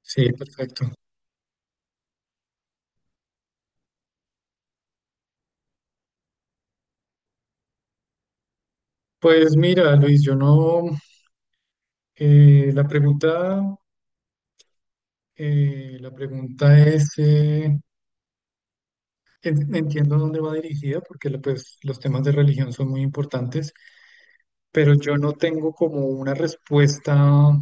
Sí, perfecto. Pues mira, Luis, yo no, eh, la pregunta, la pregunta es, entiendo dónde va dirigida, porque pues, los temas de religión son muy importantes, pero yo no tengo como una respuesta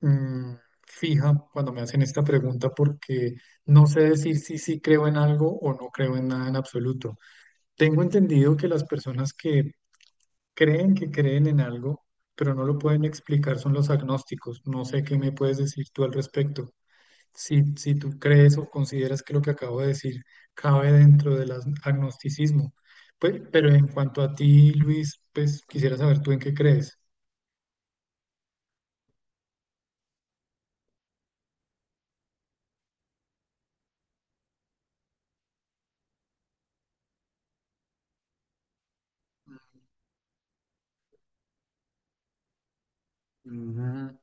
mm, fija cuando me hacen esta pregunta, porque no sé decir si sí creo en algo o no creo en nada en absoluto. Tengo entendido que las personas que creen que creen en algo, pero no lo pueden explicar, son los agnósticos. No sé qué me puedes decir tú al respecto. Si, si tú crees o consideras que lo que acabo de decir cabe dentro del agnosticismo. Pues, pero en cuanto a ti, Luis, pues quisiera saber tú en qué crees. Ujú.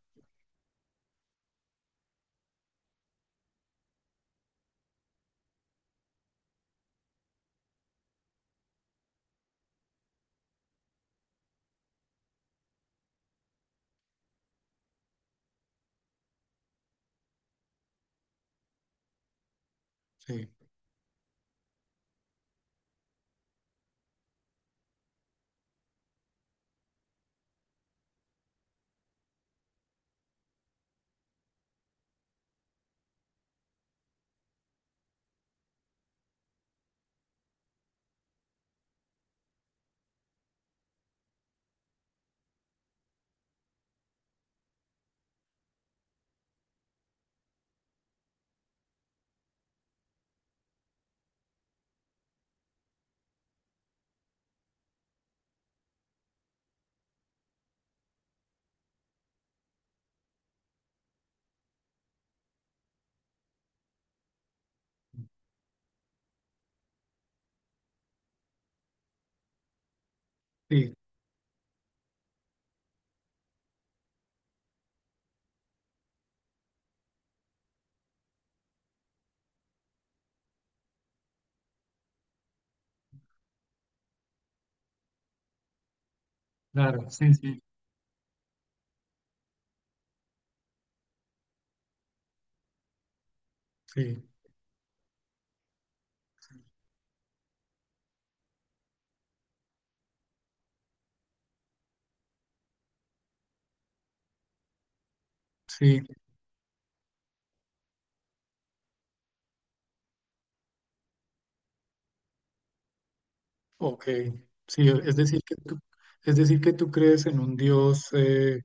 Sí, sí. Claro, sí, sí. Sí, sí. Ok, sí, es decir que tú, es decir que tú crees en un Dios,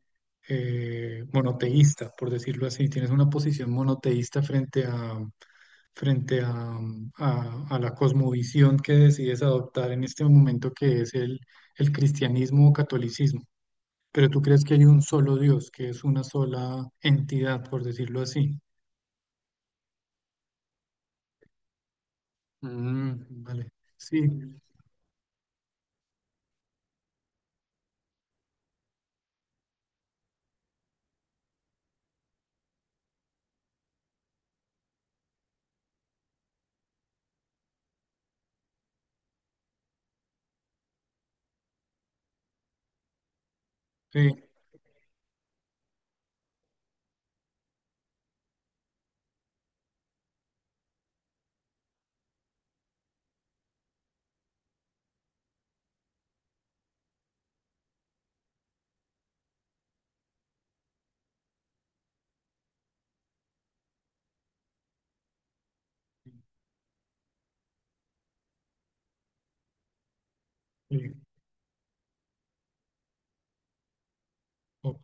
monoteísta, por decirlo así. Tienes una posición monoteísta frente a, frente a, a la cosmovisión que decides adoptar en este momento, que es el cristianismo o catolicismo. Pero tú crees que hay un solo Dios, que es una sola entidad, por decirlo así. Mm, vale. Sí, sí, sí. Oh,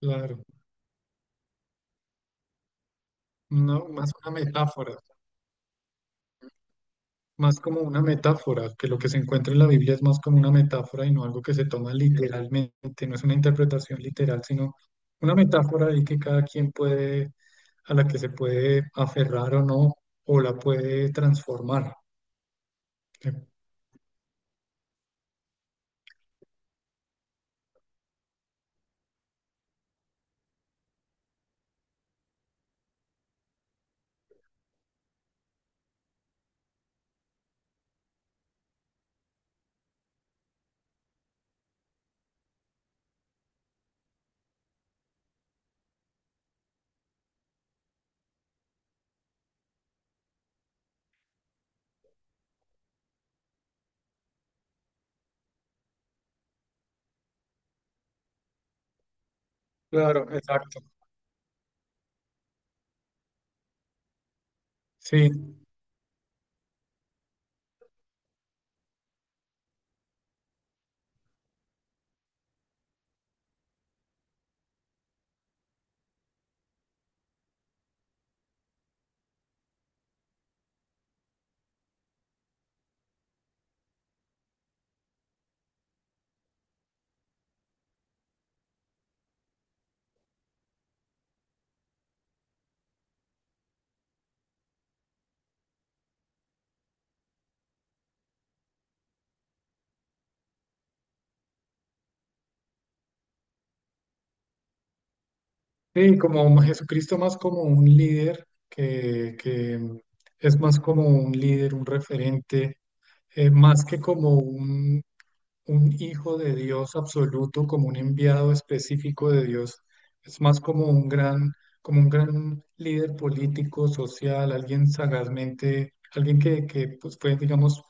claro. No, más una metáfora. Más como una metáfora, que lo que se encuentra en la Biblia es más como una metáfora y no algo que se toma literalmente, no es una interpretación literal, sino una metáfora ahí que cada quien puede, a la que se puede aferrar o no, o la puede transformar. Eh, Claro, exacto. Sí, sí, como Jesucristo más como un líder, que es más como un líder, un referente, más que como un hijo de Dios absoluto, como un enviado específico de Dios, es más como un gran líder político, social, alguien sagazmente, alguien que pues fue, digamos,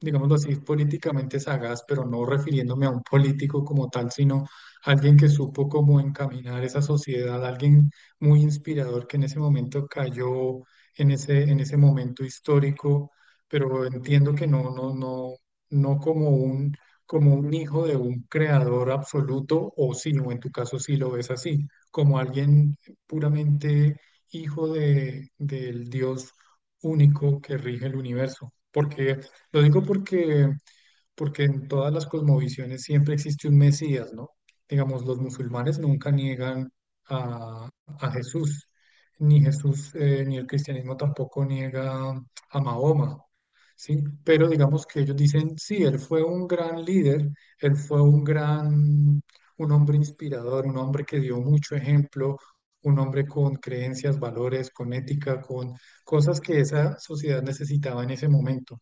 digámoslo así, políticamente sagaz, pero no refiriéndome a un político como tal, sino alguien que supo cómo encaminar esa sociedad, alguien muy inspirador que en ese momento cayó en ese momento histórico, pero entiendo que no, no, no, no como un, como un hijo de un creador absoluto, o sí, o en tu caso sí lo ves así, como alguien puramente hijo de, del Dios único que rige el universo. Porque lo digo porque porque en todas las cosmovisiones siempre existe un Mesías, ¿no? Digamos, los musulmanes nunca niegan a, a Jesús, ni el cristianismo tampoco niega a Mahoma, ¿sí? Pero digamos que ellos dicen, sí, él fue un gran líder, él fue un gran, un hombre inspirador, un hombre que dio mucho ejemplo, un hombre con creencias, valores, con ética, con cosas que esa sociedad necesitaba en ese momento,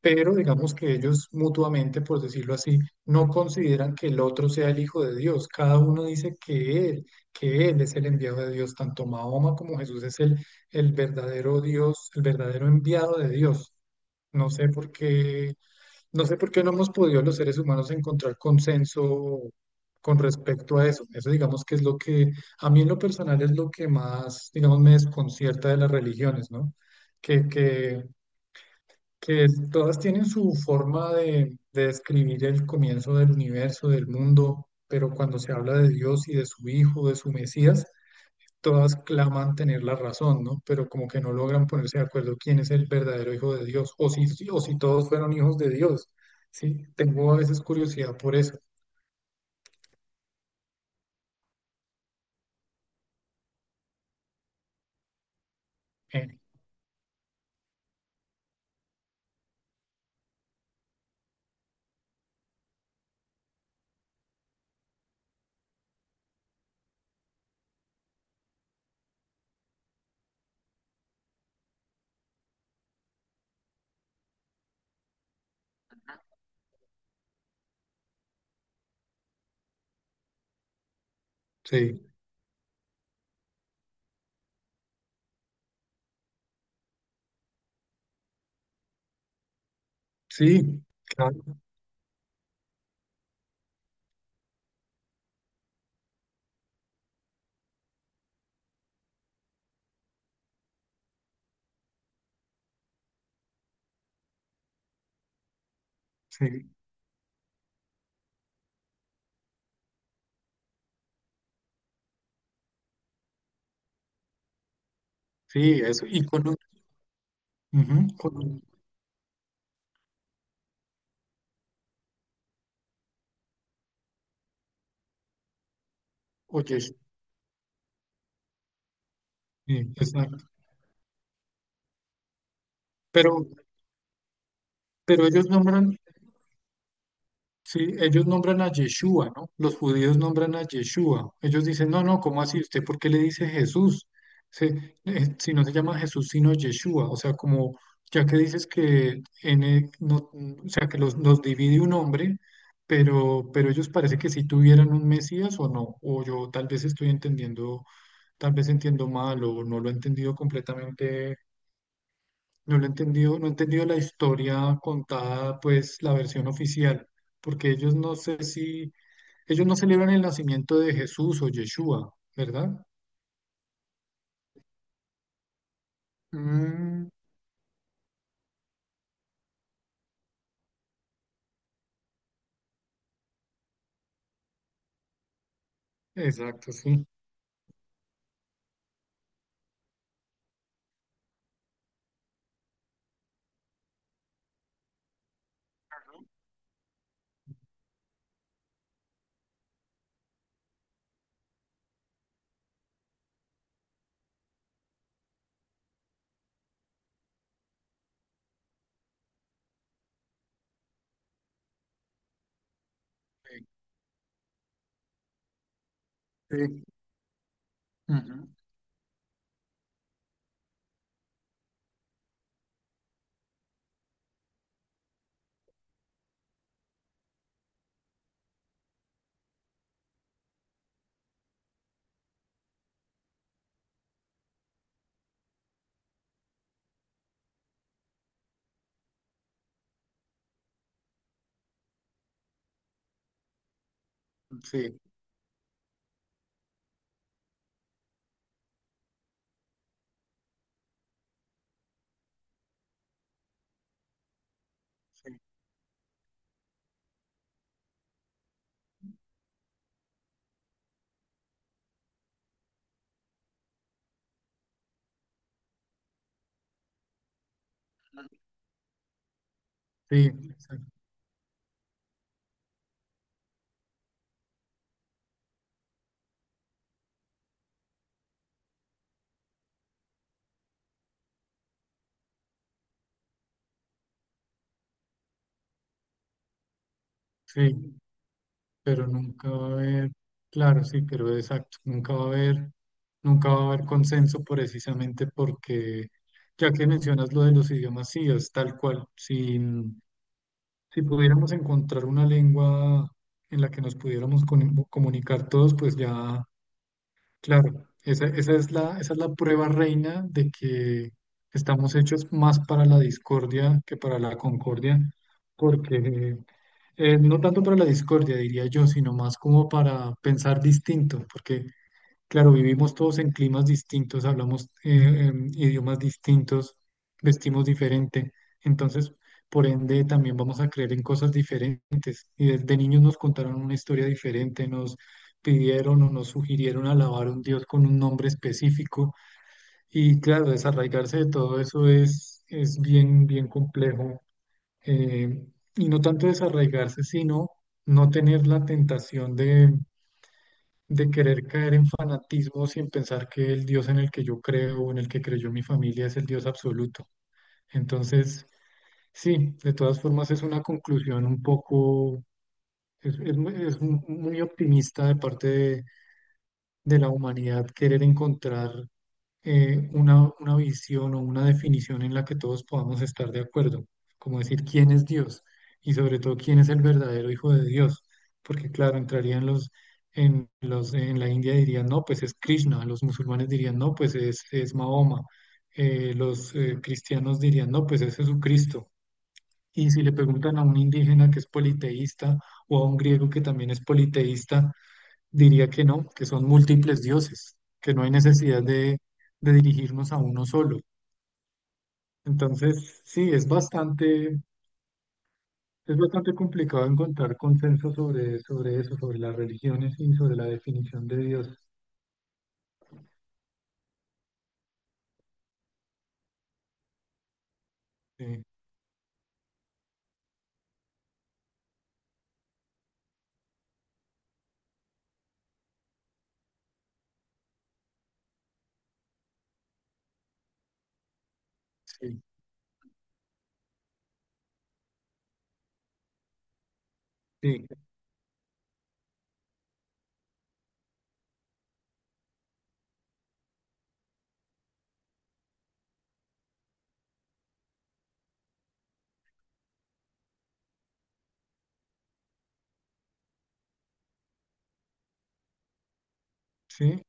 pero digamos que ellos mutuamente, por decirlo así, no consideran que el otro sea el Hijo de Dios. Cada uno dice que él es el enviado de Dios. Tanto Mahoma como Jesús es el verdadero Dios, el verdadero enviado de Dios. No sé por qué, no sé por qué no hemos podido los seres humanos encontrar consenso con respecto a eso. Eso digamos que es lo que a mí en lo personal es lo que más, digamos, me desconcierta de las religiones, ¿no? Que, que que es- todas tienen su forma de describir el comienzo del universo, del mundo, pero cuando se habla de Dios y de su Hijo, de su Mesías, todas claman tener la razón, ¿no? Pero como que no logran ponerse de acuerdo quién es el verdadero Hijo de Dios, o si, si- o si todos fueron hijos de Dios, ¿sí? Tengo a veces curiosidad por eso. Eh, sí, sí, claro, sí, sí, eso. Y con, un- ujú, con un- oye, sí, exacto. Pero, pero ellos nombran, sí, ellos nombran a Yeshua, ¿no? Los judíos nombran a Yeshua. Ellos dicen, no, no, ¿cómo así? ¿Usted por qué le dice Jesús? Si no se llama Jesús, sino Yeshua. O sea, como ya que dices que en no, mm, o sea, que los divide un hombre, pero ellos parece que sí tuvieran un Mesías o no. O yo tal vez estoy entendiendo, tal vez entiendo mal o no lo he entendido completamente, no lo he entendido, no he entendido la historia contada, pues la versión oficial, porque ellos no sé si, ellos no celebran el nacimiento de Jesús o Yeshua, ¿verdad? Mm, exacto, sí. Sí, sí, ujú, sí, sí, sí, exacto, sí, pero nunca va a haber, claro, sí, pero exacto, nunca va a haber, nunca va a haber consenso precisamente porque, ya que mencionas lo de los idiomas, sí, es tal cual, sí. Si pudiéramos encontrar una lengua en la que nos pudiéramos comunicar todos, pues ya, claro, esa, esa es la prueba reina de que estamos hechos más para la discordia que para la concordia, porque no tanto para la discordia, diría yo, sino más como para pensar distinto, porque, claro, vivimos todos en climas distintos, hablamos idiomas distintos, vestimos diferente, entonces, por ende, también vamos a creer en cosas diferentes y desde niños nos contaron una historia diferente, nos pidieron o nos sugirieron alabar a un Dios con un nombre específico. Y claro, desarraigarse de todo eso es bien, bien complejo. Eh, y no tanto desarraigarse, sino no tener la tentación de querer caer en fanatismo sin pensar que el Dios en el que yo creo o en el que creyó mi familia es el Dios absoluto. Entonces, sí, de todas formas es una conclusión un poco. Es, muy optimista de parte de la humanidad querer encontrar una visión o una definición en la que todos podamos estar de acuerdo, como decir quién es Dios y sobre todo quién es el verdadero hijo de Dios, porque claro, entrarían los, en la India dirían no, pues es Krishna, los musulmanes dirían no, pues es Mahoma, los cristianos dirían no, pues es Jesucristo. Y si le preguntan a un indígena que es politeísta o a un griego que también es politeísta, diría que no, que son múltiples dioses, que no hay necesidad de dirigirnos a uno solo. Entonces, sí, es bastante complicado encontrar consenso sobre, sobre eso, sobre las religiones y sobre la definición de Dios. Sí, sí, sí, sí.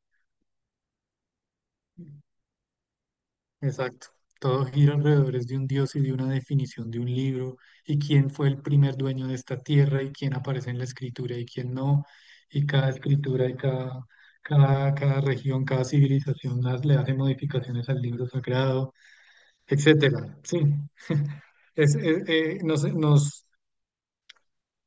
Exacto. Todo gira alrededor es de un dios y de una definición de un libro, y quién fue el primer dueño de esta tierra, y quién aparece en la escritura y quién no, y cada escritura y cada, cada, cada región, cada civilización las- le hace modificaciones al libro sagrado, etcétera. Sí, es, nos, nos,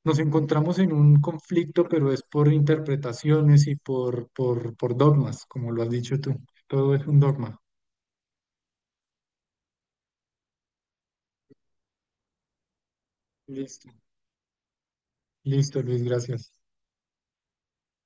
nos encontramos en un conflicto, pero es por interpretaciones y por dogmas, como lo has dicho tú. Todo es un dogma. Listo. Listo, Luis, gracias.